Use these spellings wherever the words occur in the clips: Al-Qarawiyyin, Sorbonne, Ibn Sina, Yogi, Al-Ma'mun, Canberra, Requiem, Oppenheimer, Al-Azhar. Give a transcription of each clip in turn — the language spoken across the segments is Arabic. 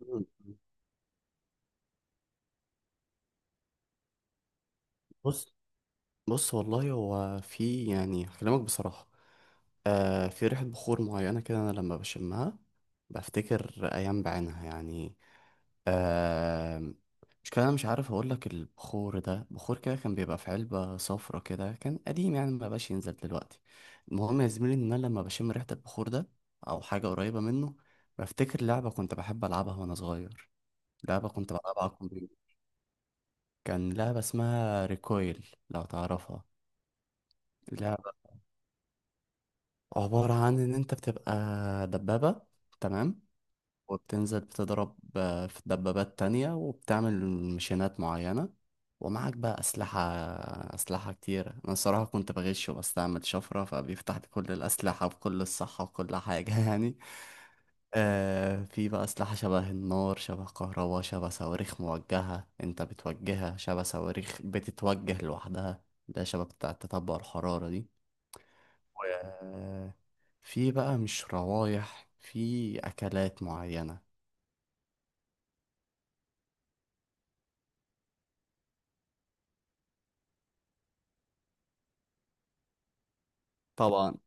مم. بص بص، والله هو في، يعني هكلمك بصراحة. آه، في ريحة بخور معينة كده، أنا لما بشمها بفتكر أيام بعينها يعني. آه، مش كده، أنا مش عارف أقولك، البخور ده بخور كده كان بيبقى في علبة صفرة كده، كان قديم يعني، مبقاش ينزل دلوقتي. المهم يا زميلي، إن أنا لما بشم ريحة البخور ده أو حاجة قريبة منه، بفتكر لعبة كنت بحب ألعبها وأنا صغير. لعبة كنت بلعبها على الكمبيوتر، كان لعبة اسمها ريكويل لو تعرفها. اللعبة عبارة عن إن أنت بتبقى دبابة، تمام. وبتنزل بتضرب في دبابات تانية، وبتعمل مشينات معينة. ومعك بقى أسلحة، أسلحة كتيرة. أنا الصراحة كنت بغش وبستعمل شفرة، فبيفتح لي كل الأسلحة بكل الصحة وكل حاجة يعني. آه، في بقى أسلحة شبه النار، شبه كهرباء، شبه صواريخ موجهة أنت بتوجهها، شبه صواريخ بتتوجه لوحدها. ده شبه بتاع التتبع الحرارة دي. و- في بقى مش روايح، في أكلات معينة. طبعا.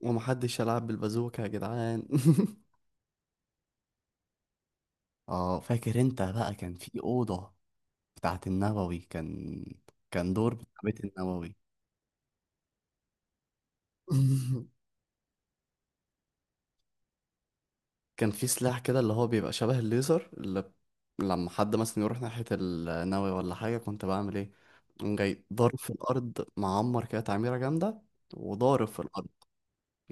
ومحدش يلعب بالبازوكة يا جدعان اه، فاكر انت بقى كان في أوضة بتاعت النووي، كان دور بتاع بيت النووي. كان في سلاح كده اللي هو بيبقى شبه الليزر، لما حد مثلا يروح ناحية النووي ولا حاجة، كنت بعمل ايه؟ قوم جاي ضارب في الأرض، معمر كده تعميرة جامدة، وضارب في الأرض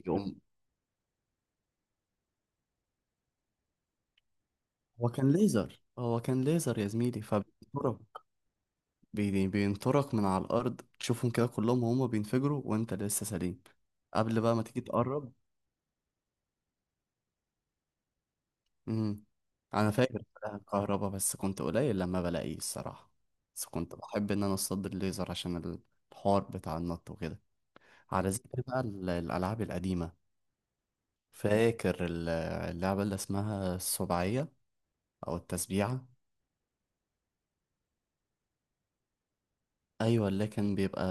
يقوم. هو كان ليزر، هو كان ليزر يا زميلي، فبينطرك. بينطرك من على الأرض، تشوفهم كده كلهم وهم بينفجروا وأنت لسه سليم، قبل بقى ما تيجي تقرب. امم. أنا فاكر الكهرباء، بس كنت قليل لما بلاقيه الصراحة. بس كنت بحب إن أنا أصطاد الليزر، عشان الحوار بتاع النط وكده. على ذكر بقى الألعاب القديمة. فاكر اللعبة اللي اسمها السبعية، أو التسبيعة؟ أيوة، اللي كان بيبقى.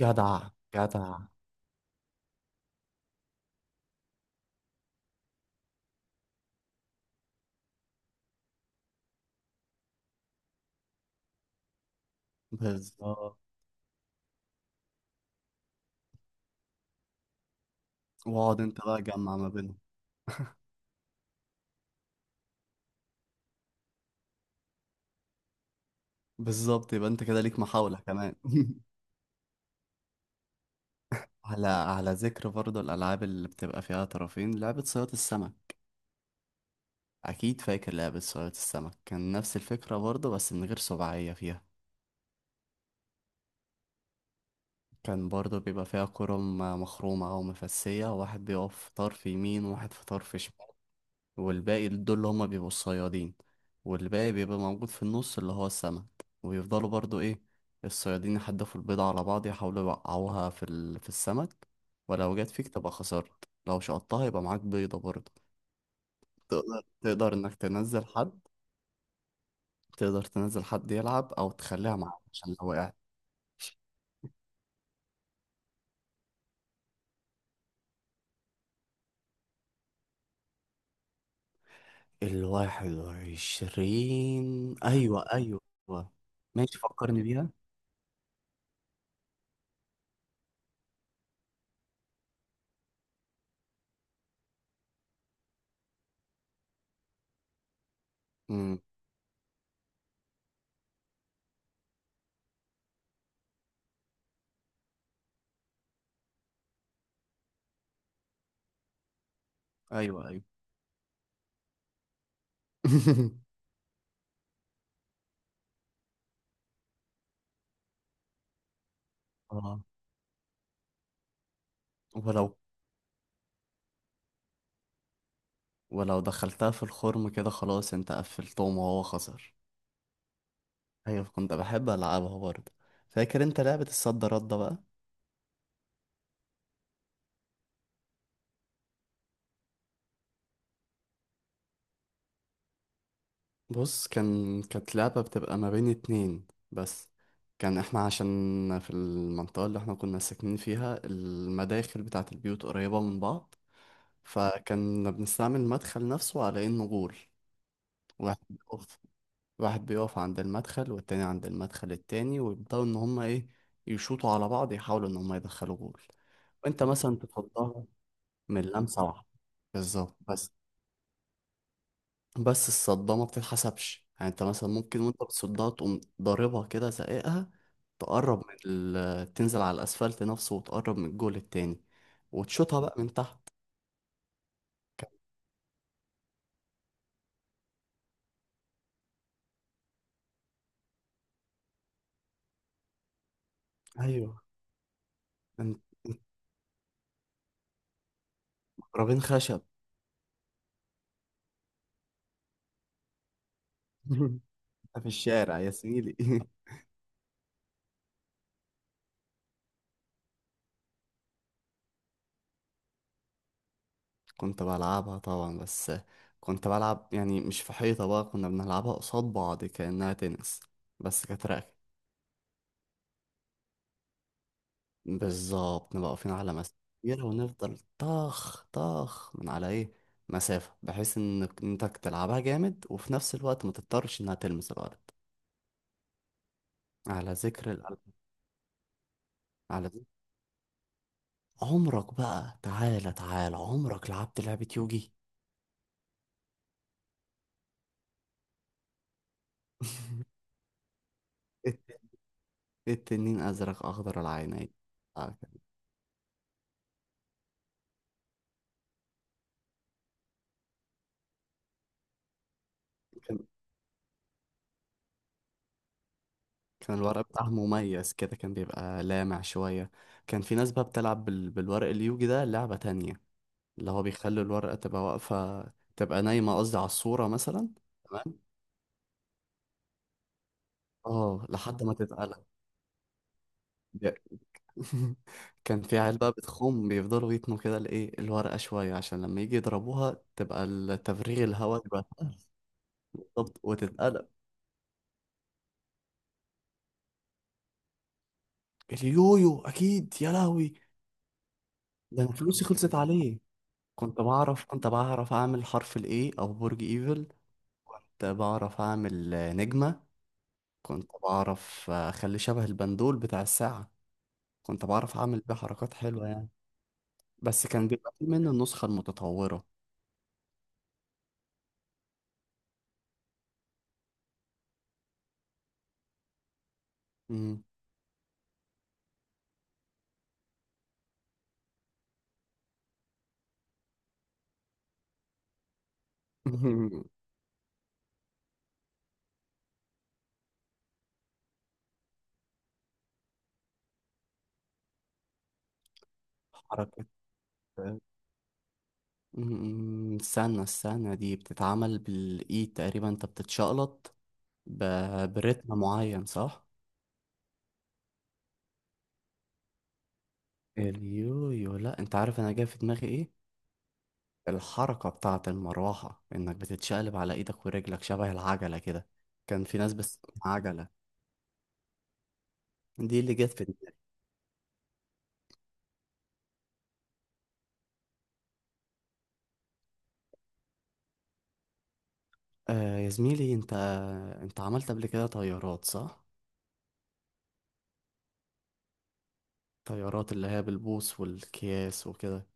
جدع، جدع. بالظبط. واقعد انت بقى جمع ما بينهم. بالظبط، يبقى انت كده ليك محاولة كمان على ذكر برضه الألعاب اللي بتبقى فيها طرفين، لعبة صياد السمك. أكيد فاكر لعبة صياد السمك، كان نفس الفكرة برضه بس من غير سبعية فيها. كان برضه بيبقى فيها كرة مخرومة أو مفسية، واحد بيقف في طرف يمين وواحد في طرف شمال. والباقي دول اللي هما بيبقوا الصيادين. والباقي بيبقى موجود في النص، اللي هو السمك، ويفضلوا برضو ايه، الصيادين يحدفوا البيضة على بعض، يحاولوا يوقعوها في السمك. ولو جت فيك تبقى خسرت، لو شقطتها يبقى معاك بيضة برضو. تقدر انك تنزل حد. تقدر تنزل حد يلعب او تخليها معاك عشان لو وقعت. الواحد وعشرين، أيوة أيوة، ماشي فكرني بيها. امم. أيوة، أيوة اه، ولو ولو دخلتها في الخرم كده، خلاص انت قفلتهم وهو خسر. ايوه، كنت بحب العبها برضه. فاكر انت لعبة الصد رد بقى. بص، كانت لعبة بتبقى ما بين اتنين بس. كان احنا عشان في المنطقة اللي احنا كنا ساكنين فيها، المداخل بتاعة البيوت قريبة من بعض. فكنا بنستعمل المدخل نفسه على انه جول. واحد واحد بيقف عند المدخل، والتاني عند المدخل التاني، ويبدأوا إن هما إيه، يشوطوا على بعض، يحاولوا إن هما يدخلوا جول. وأنت مثلا تصدها من لمسة واحدة. بالظبط بس. بس الصدمة ما بتتحسبش، يعني أنت مثلا ممكن وأنت بتصدها تقوم ضاربها كده زقيقها، تقرب تنزل على الأسفلت نفسه، وتقرب من الجول التاني، وتشوطها بقى من تحت. أيوه. أنت ضربين خشب في الشارع يا زميلي كنت بلعبها طبعا، بس كنت بلعب يعني مش في حيطة بقى، كنا بنلعبها قصاد بعض كأنها تنس، بس كانت راكت. بالظبط، نبقى واقفين على مسافة كبيرة ونفضل طخ طخ من على ايه، مسافة بحيث انك انتك تلعبها جامد وفي نفس الوقت ما تضطرش انها تلمس الأرض. على ذكر الألعاب. على ذكر، عمرك بقى تعالى تعالى، عمرك لعبت لعبة يوجي؟ الت- التنين أزرق أخضر العينين. آه. كان الورق بتاعها مميز كده، كان بيبقى لامع شوية. كان في ناس بقى بتلعب بالورق اليوجي ده لعبة تانية، اللي هو بيخلي الورقة تبقى واقفة، تبقى نايمة قصدي على الصورة مثلا. تمام. اه، لحد ما تتقلب. دي- كان في عيال بقى بتخوم بيفضلوا يتنوا كده الايه الورقة شوية، عشان لما يجي يضربوها تبقى التفريغ الهواء يبقى سهل. بالظبط وتتقلب. اليويو اكيد يا لهوي. ده انا فلوسي خلصت عليه. كنت بعرف اعمل حرف الاي او برج ايفل. كنت بعرف أعمل نجمة. كنت بعرف أخليه شبه البندول بتاع الساعة. كنت بعرف أعمل بيه حركات حلوة يعني. بس كان بيبقى في منه النسخة المتطورة. مم. حركة. استنى استنى، دي بتتعمل بالإيد تقريبا، أنت بتتشقلط ب... برتم معين صح؟ اليويو لأ، أنت عارف أنا جاي في دماغي إيه؟ الحركة بتاعة المروحة، إنك بتتشقلب على إيدك ورجلك شبه العجلة كده. كان في ناس بس، عجلة، دي اللي جت في دماغي. آه يا زميلي، انت عملت قبل كده طيارات صح؟ طيارات اللي هي بالبوص والكياس وكده.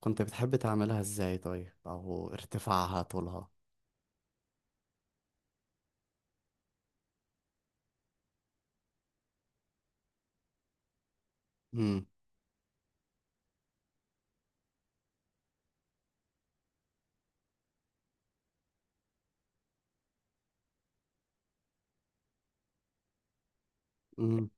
كنت بتحب تعملها ازاي طيب؟ او ارتفاعها طولها. امم. امم.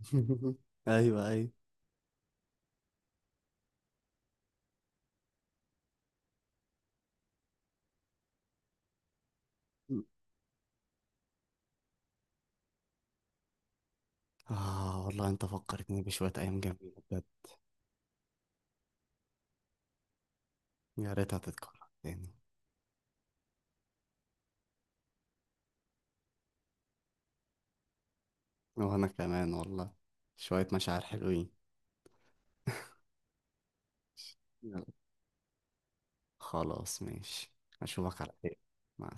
ايوه، ايوه. اه والله، انت فكرتني بشوية ايام جميلة بجد. يا ريتها تتكرر تاني. وانا كمان والله، شوية مشاعر حلوين. يلا. خلاص، ماشي. اشوفك على خير، مع السلامة.